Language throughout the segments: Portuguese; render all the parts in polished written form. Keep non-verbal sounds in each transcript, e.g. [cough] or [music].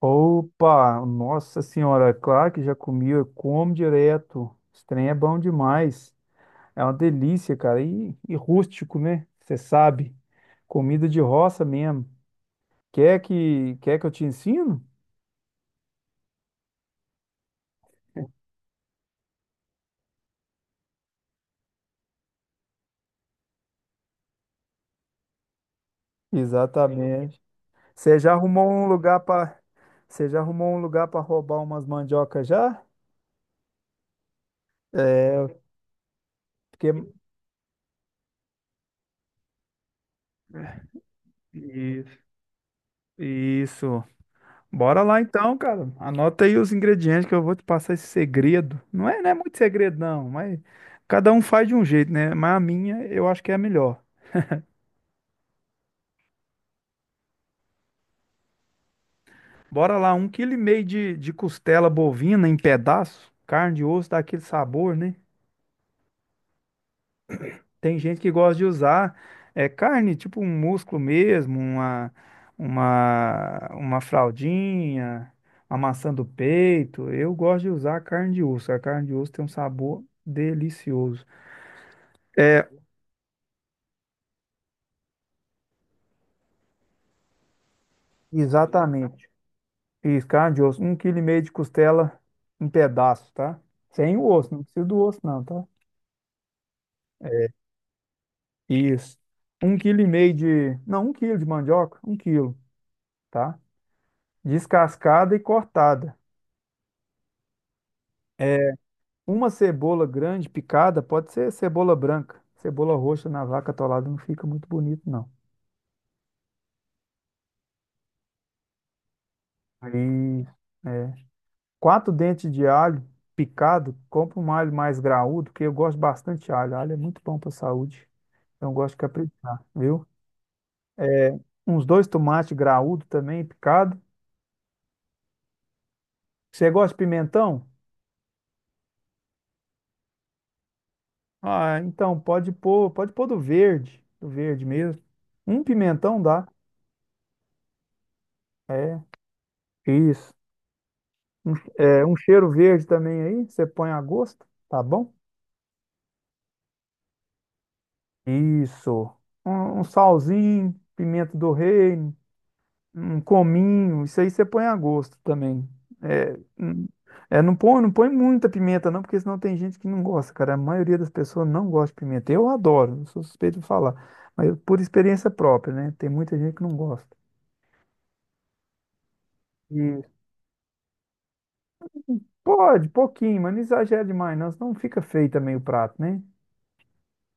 Opa, nossa senhora, claro que já comi, eu como direto. Esse trem é bom demais. É uma delícia, cara. E rústico, né? Você sabe. Comida de roça mesmo. Quer que eu te ensino? Exatamente. Você já arrumou um lugar para, Você já arrumou um lugar para roubar umas mandioca já? É, porque Isso. isso. Bora lá então, cara. Anota aí os ingredientes que eu vou te passar esse segredo. Não é muito segredo, não, mas cada um faz de um jeito, né? Mas a minha eu acho que é a melhor. Bora lá, um quilo e meio de costela bovina em pedaço, carne de osso dá aquele sabor, né? Tem gente que gosta de usar carne, tipo um músculo mesmo, uma, uma fraldinha, uma maçã do peito. Eu gosto de usar carne de osso. A carne de osso tem um sabor delicioso. É, Exatamente. Isso, carne de osso. Um quilo e meio de costela em pedaço, tá? Sem o osso, não precisa do osso, não, tá? Isso. Um quilo e meio de. Não, um quilo de mandioca, um quilo, tá? Descascada e cortada. É, Uma cebola grande picada, pode ser cebola branca. Cebola roxa na vaca atolada não fica muito bonito, não. Aí, é. Quatro dentes de alho picado, compra um alho mais graúdo, porque eu gosto bastante de alho. Alho é muito bom para a saúde. Então eu gosto de caprichar, viu? Uns dois tomates graúdo também, picado. Você gosta de pimentão? Ah, então pode pôr do verde, mesmo. Um pimentão dá. É, isso. Um cheiro verde também aí, você põe a gosto, tá bom? Isso. Um salzinho, pimenta do reino. Um cominho, isso aí você põe a gosto também. É, hum, não põe muita pimenta não, porque senão tem gente que não gosta, cara. A maioria das pessoas não gosta de pimenta. Eu adoro, eu sou suspeito de falar, mas por experiência própria, né? Tem muita gente que não gosta. E pode, pouquinho, mas não exagera demais, não, senão fica feio também o prato, né?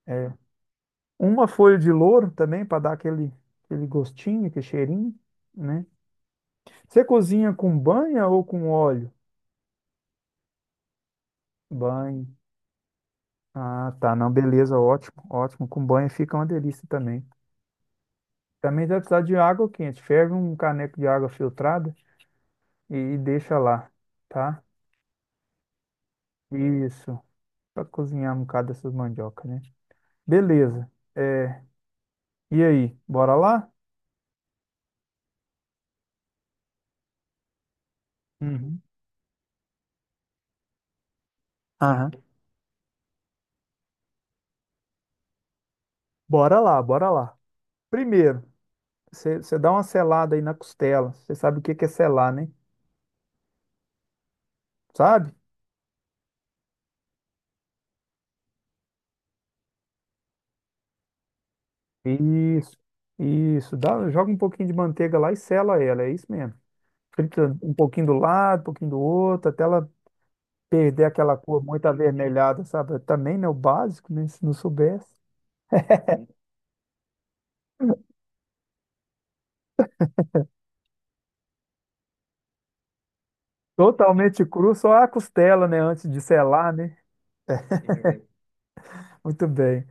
É, uma folha de louro também para dar aquele, aquele gostinho, aquele cheirinho, né? Você cozinha com banha ou com óleo? Banho. Ah, tá, não, beleza, ótimo, ótimo. Com banho fica uma delícia também. Também vai precisar de água quente. Ferve um caneco de água filtrada e deixa lá, tá? Isso, para cozinhar um bocado dessas mandiocas, né? Beleza. É, e aí, bora lá? Uhum. Aham. Bora lá, bora lá. Primeiro, você dá uma selada aí na costela. Você sabe o que que é selar, né? Sabe? Isso, isso. Dá, joga um pouquinho de manteiga lá e sela ela, é isso mesmo. Frita um pouquinho do lado, um pouquinho do outro, até ela perder aquela cor muito avermelhada, sabe? Também, né? O básico, né? Se não soubesse. Totalmente cru, só a costela, né? Antes de selar, né? Muito bem.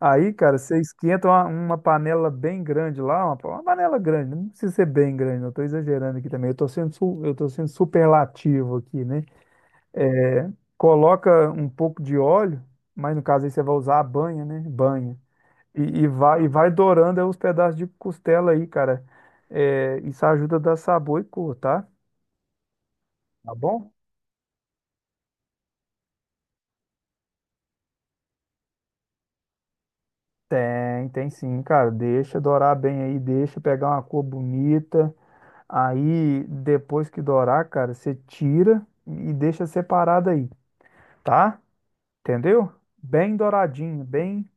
Aí, cara, você esquenta uma panela bem grande lá, uma panela grande, não precisa ser bem grande, não estou exagerando aqui também, eu tô sendo superlativo aqui, né? É, coloca um pouco de óleo, mas no caso aí você vai usar a banha, né? Banha. E vai dourando aí os pedaços de costela aí, cara. É, isso ajuda a dar sabor e cor, tá? Tá bom? Tem sim, cara. Deixa dourar bem aí, deixa pegar uma cor bonita. Aí, depois que dourar, cara, você tira e deixa separado aí, tá? Entendeu? Bem douradinho, bem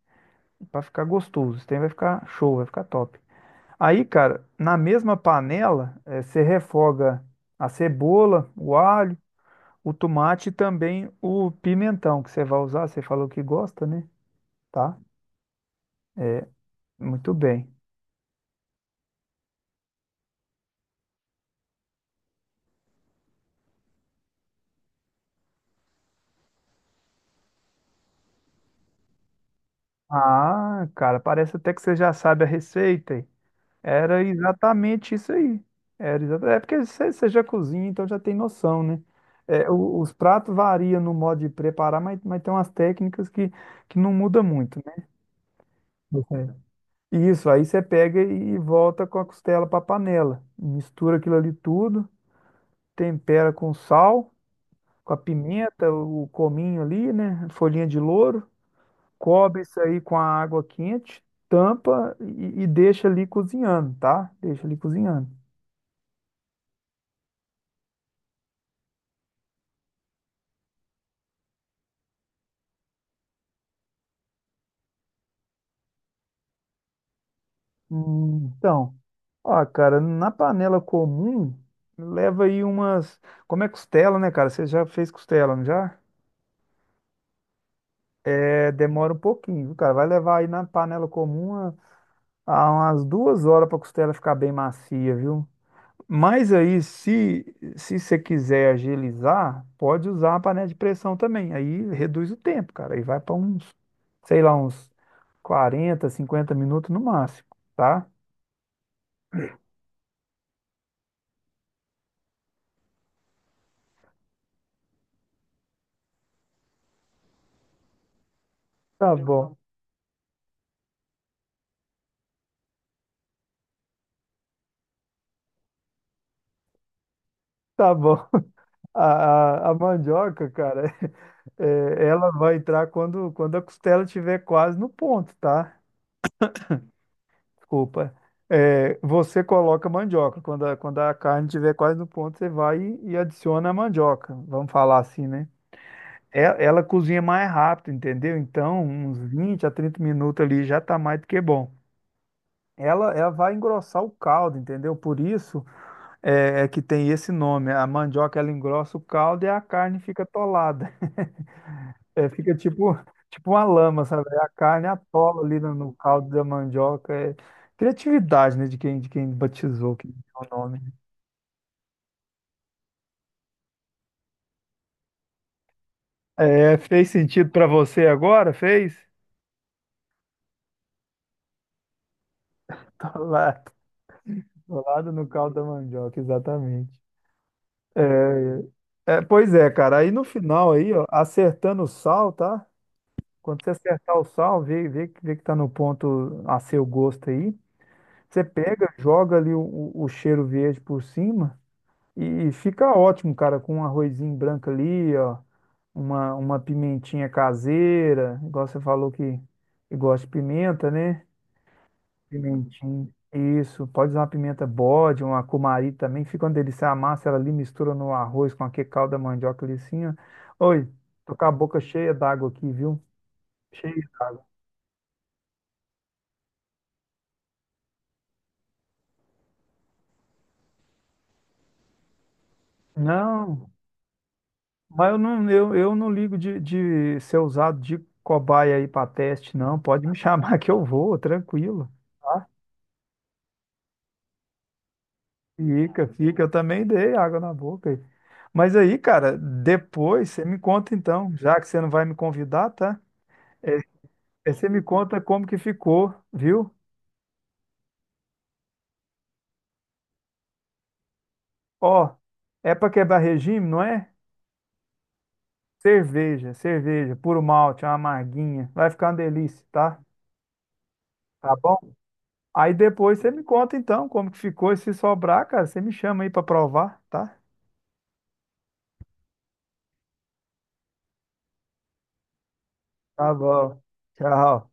pra ficar gostoso. Isso daí vai ficar show, vai ficar top. Aí, cara, na mesma panela, você refoga a cebola, o alho. O tomate e também o pimentão que você vai usar, você falou que gosta, né? Tá? Muito bem. Ah, cara, parece até que você já sabe a receita, hein? Era exatamente isso aí. É porque você já cozinha, então já tem noção, né? É, os pratos variam no modo de preparar, mas tem umas técnicas que não muda muito, né? Você- Isso, aí você pega e volta com a costela para a panela. Mistura aquilo ali tudo, tempera com sal, com a pimenta, o cominho ali, né? Folhinha de louro. Cobre isso aí com a água quente, tampa e deixa ali cozinhando, tá? Deixa ali cozinhando. Então, ó, cara, na panela comum, leva aí umas. Como é costela, né, cara? Você já fez costela, não já? É, demora um pouquinho, viu, cara? Vai levar aí na panela comum a umas 2 horas pra costela ficar bem macia, viu? Mas aí, se você quiser agilizar, pode usar a panela de pressão também. Aí reduz o tempo, cara. Aí vai para uns, sei lá, uns 40 50 minutos no máximo, tá? Tá bom, tá bom. [laughs] A mandioca, cara, [laughs] ela vai entrar quando a costela estiver quase no ponto, tá? Desculpa. Você coloca a mandioca. Quando a carne estiver quase no ponto, você vai e adiciona a mandioca. Vamos falar assim, né? Ela cozinha mais rápido, entendeu? Então, uns 20 a 30 minutos ali já tá mais do que bom. Ela vai engrossar o caldo, entendeu? Por isso é que tem esse nome. A mandioca, ela engrossa o caldo e a carne fica atolada. [laughs] É, fica tipo, uma lama, sabe? A carne atola ali no caldo da mandioca. É criatividade, né? De quem batizou, que é o nome. É, fez sentido pra você agora? Fez? [laughs] Atolado, atolado no caldo da mandioca, exatamente. É, pois é, cara. Aí no final aí, ó, acertando o sal, tá? Quando você acertar o sal, vê que tá no ponto a seu gosto aí. Você pega, joga ali o cheiro verde por cima e fica ótimo, cara, com um arrozinho branco ali, ó, uma pimentinha caseira, igual você falou que gosta de pimenta, né? Pimentinho. Isso, pode usar uma pimenta bode, uma cumari também. Fica uma delícia. A massa, ela ali mistura no arroz com aquele caldo da mandioca ali assim, ó. Oi, tô com a boca cheia d'água aqui, viu? Cheia d'água. Não, mas eu não ligo de ser usado de cobaia aí para teste, não. Pode me chamar [laughs] que eu vou, tranquilo, tá? Fica, fica. Eu também dei água na boca aí. Mas aí, cara, depois você me conta então, já que você não vai me convidar, tá? É, aí você me conta como que ficou, viu? Ó, é pra quebrar regime, não é? Cerveja, cerveja, puro malte, uma amarguinha. Vai ficar uma delícia, tá? Tá bom? Aí depois você me conta então como que ficou. E se sobrar, cara, você me chama aí pra provar, tá? Tá bom. Tchau.